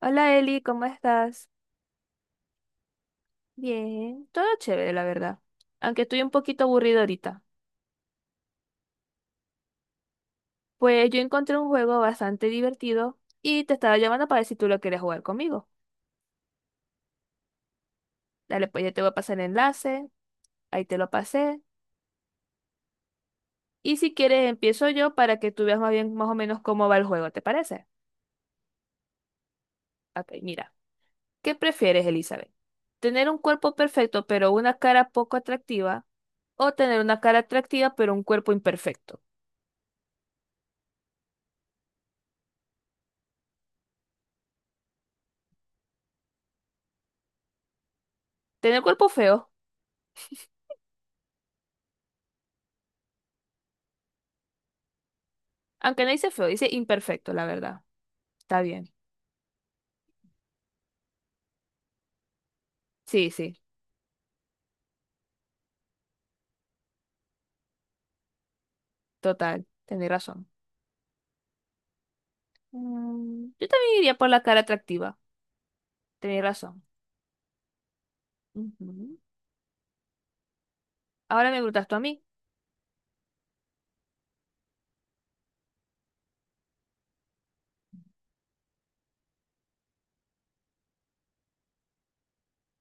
Hola Eli, ¿cómo estás? Bien, todo chévere, la verdad. Aunque estoy un poquito aburrido ahorita. Pues yo encontré un juego bastante divertido y te estaba llamando para ver si tú lo quieres jugar conmigo. Dale, pues ya te voy a pasar el enlace, ahí te lo pasé. Y si quieres empiezo yo para que tú veas más bien más o menos cómo va el juego, ¿te parece? Ok, mira. ¿Qué prefieres, Elizabeth? ¿Tener un cuerpo perfecto pero una cara poco atractiva? ¿O tener una cara atractiva pero un cuerpo imperfecto? ¿Tener cuerpo feo? Aunque no dice feo, dice imperfecto, la verdad. Está bien. Sí, sí, total. Tenéis razón. Yo también iría por la cara atractiva. Tenéis razón. Ujú. Ahora me preguntas tú a mí.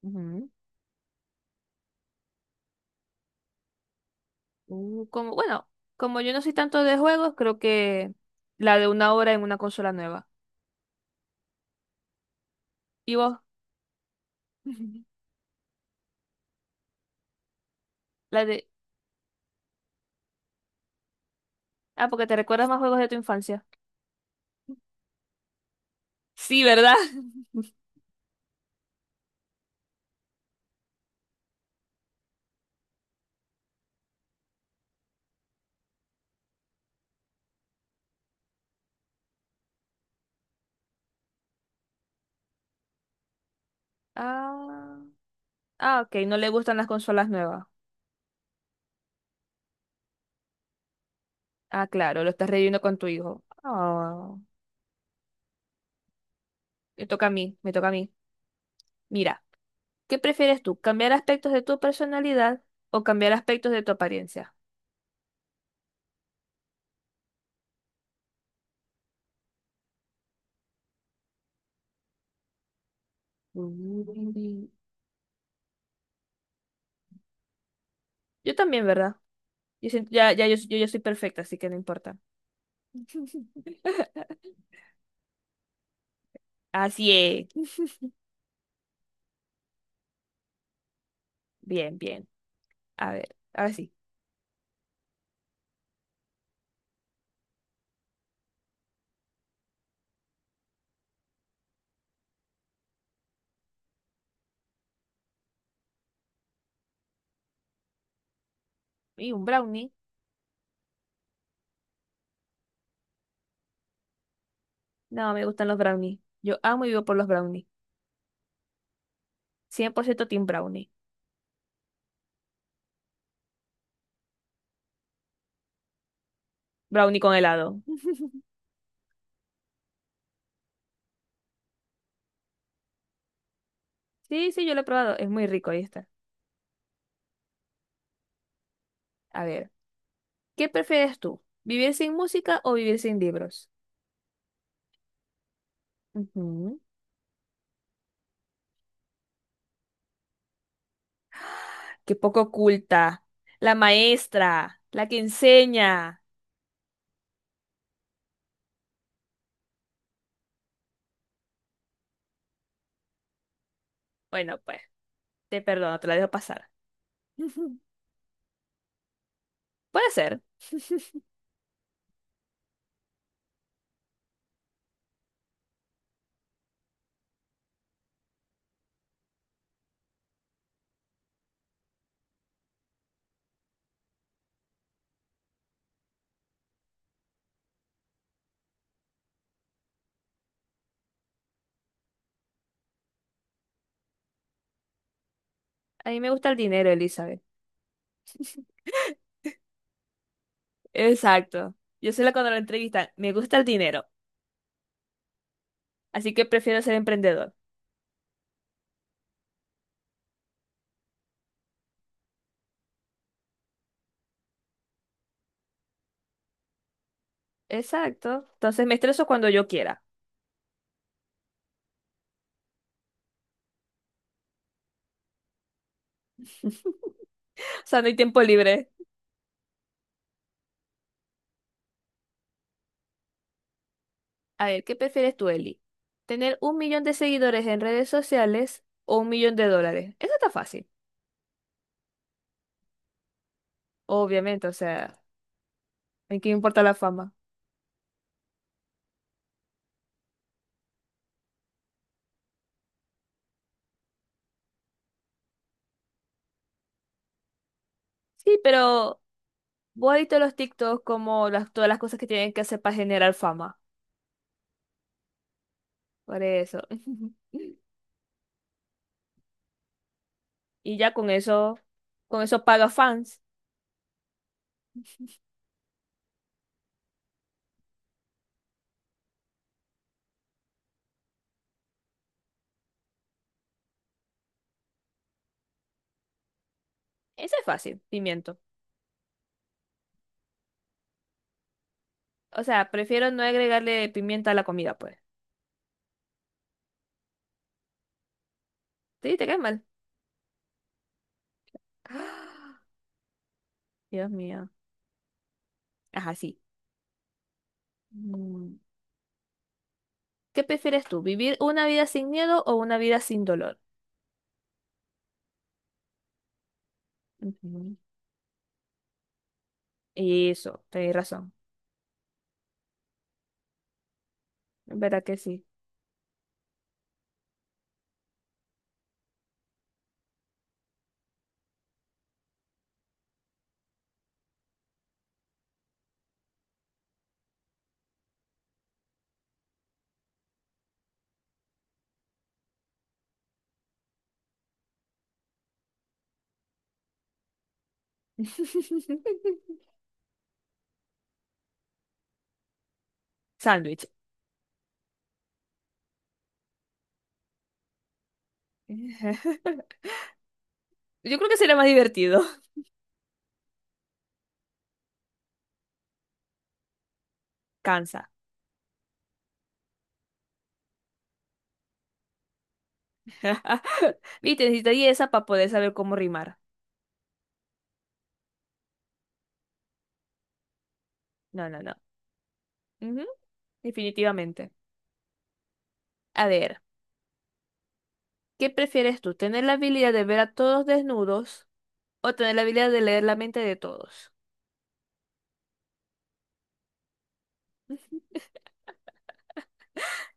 Ujú. Bueno, como yo no soy tanto de juegos, creo que la de una hora en una consola nueva. ¿Y vos? La de... Ah, porque te recuerdas más juegos de tu infancia. Sí, ¿verdad? Ah, ah, ok, no le gustan las consolas nuevas. Ah, claro, lo estás reviviendo con tu hijo. Ah, me toca a mí, me toca a mí. Mira, ¿qué prefieres tú? ¿Cambiar aspectos de tu personalidad o cambiar aspectos de tu apariencia? Mm. Yo también, ¿verdad? Ya, ya, yo ya soy perfecta, así que no importa. Así es. Bien, bien. A ver, ahora sí. Y un brownie. No, me gustan los brownies. Yo amo y vivo por los brownies. 100% team brownie. Brownie con helado. Sí, sí, yo lo he probado. Es muy rico, ahí está. A ver, ¿qué prefieres tú? ¿Vivir sin música o vivir sin libros? Ujú. Qué poco oculta. La maestra, la que enseña. Bueno, pues, te perdono, te la dejo pasar. Puede ser. A mí me gusta el dinero, Elizabeth. Exacto. Yo soy la cuando lo entrevistan. Me gusta el dinero, así que prefiero ser emprendedor. Exacto. Entonces me estreso cuando yo quiera. O sea, no hay tiempo libre. A ver, ¿qué prefieres tú, Eli? ¿Tener un millón de seguidores en redes sociales o un millón de dólares? Eso está fácil, obviamente. O sea, ¿en qué importa la fama? Sí, pero vos has visto los TikToks como todas las cosas que tienen que hacer para generar fama. Por eso. Y ya con eso, paga fans. Eso es fácil, pimiento. O sea, prefiero no agregarle pimienta a la comida, pues. Sí, te cae mal. Dios mío. Ajá, sí. Mm. ¿Qué prefieres tú? ¿Vivir una vida sin miedo o una vida sin dolor? Ujú. Eso, tenés razón. En verdad que sí. Sándwich. Yo creo que sería más divertido. Cansa. Viste, necesitaría esa para poder saber cómo rimar. No, no, no. Ujú, definitivamente. A ver, ¿qué prefieres tú? ¿Tener la habilidad de ver a todos desnudos o tener la habilidad de leer la mente de todos?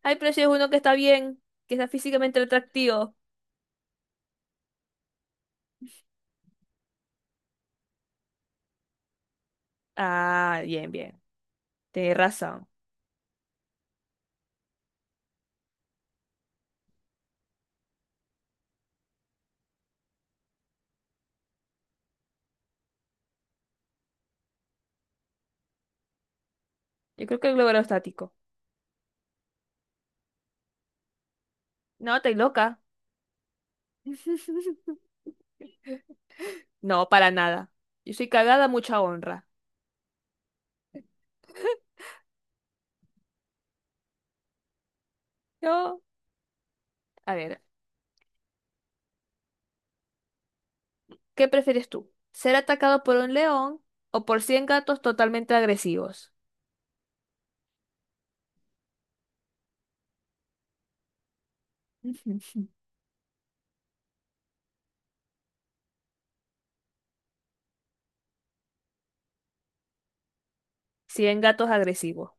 Ay, pero si es uno que está bien, que está físicamente atractivo. Ah, bien, bien. Tienes razón. Yo creo que el globo estático. No, estoy loca. No, para nada. Yo soy cagada, mucha honra. No. A ver. ¿Qué prefieres tú? ¿Ser atacado por un león o por 100 gatos totalmente agresivos? 100 gatos agresivos.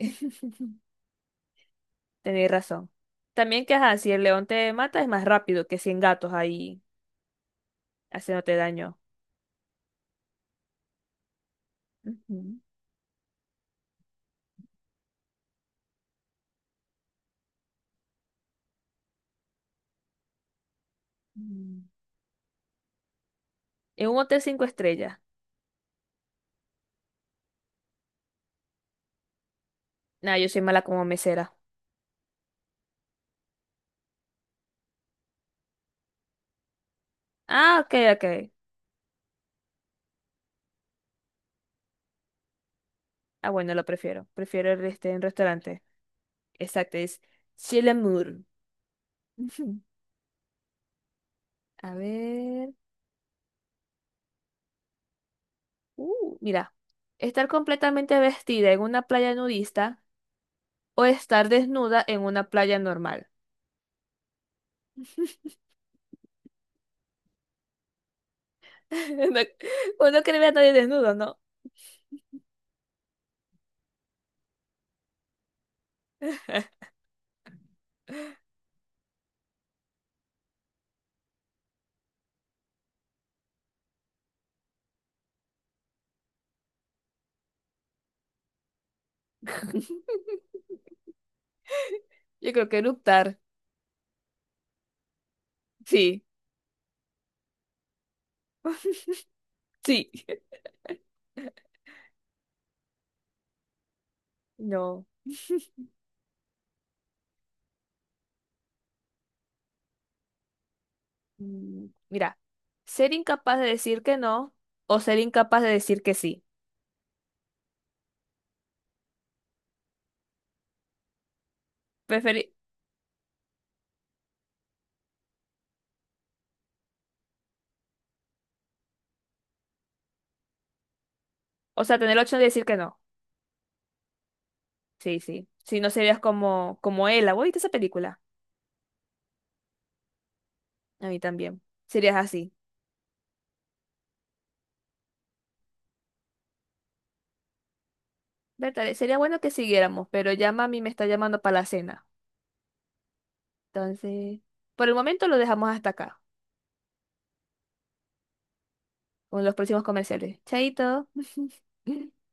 Tenéis razón. También que, ajá, si el león te mata es más rápido que 100 gatos ahí haciéndote daño. Ujú. Mm. En un hotel 5 estrellas. Nah, yo soy mala como mesera. Ah, ok, ok. Ah, bueno, lo prefiero. Prefiero el este en restaurante. Exacto, es Chilemour. A ver. Mira, estar completamente vestida en una playa nudista o estar desnuda en una playa normal. No- Uno quiere ver a nadie desnudo, ¿no? Yo creo que eructar. Sí, sí. No. Mira, ser incapaz de decir que no o ser incapaz de decir que sí. Preferi- o sea, tener la opción de decir que no. Sí, sí. Si no serías como Ella. ¿Vos viste esa película? A mí también. Serías así. Bertale, sería bueno que siguiéramos, pero ya mami me está llamando para la cena. Entonces, por el momento lo dejamos hasta acá, con los próximos comerciales. Chaito.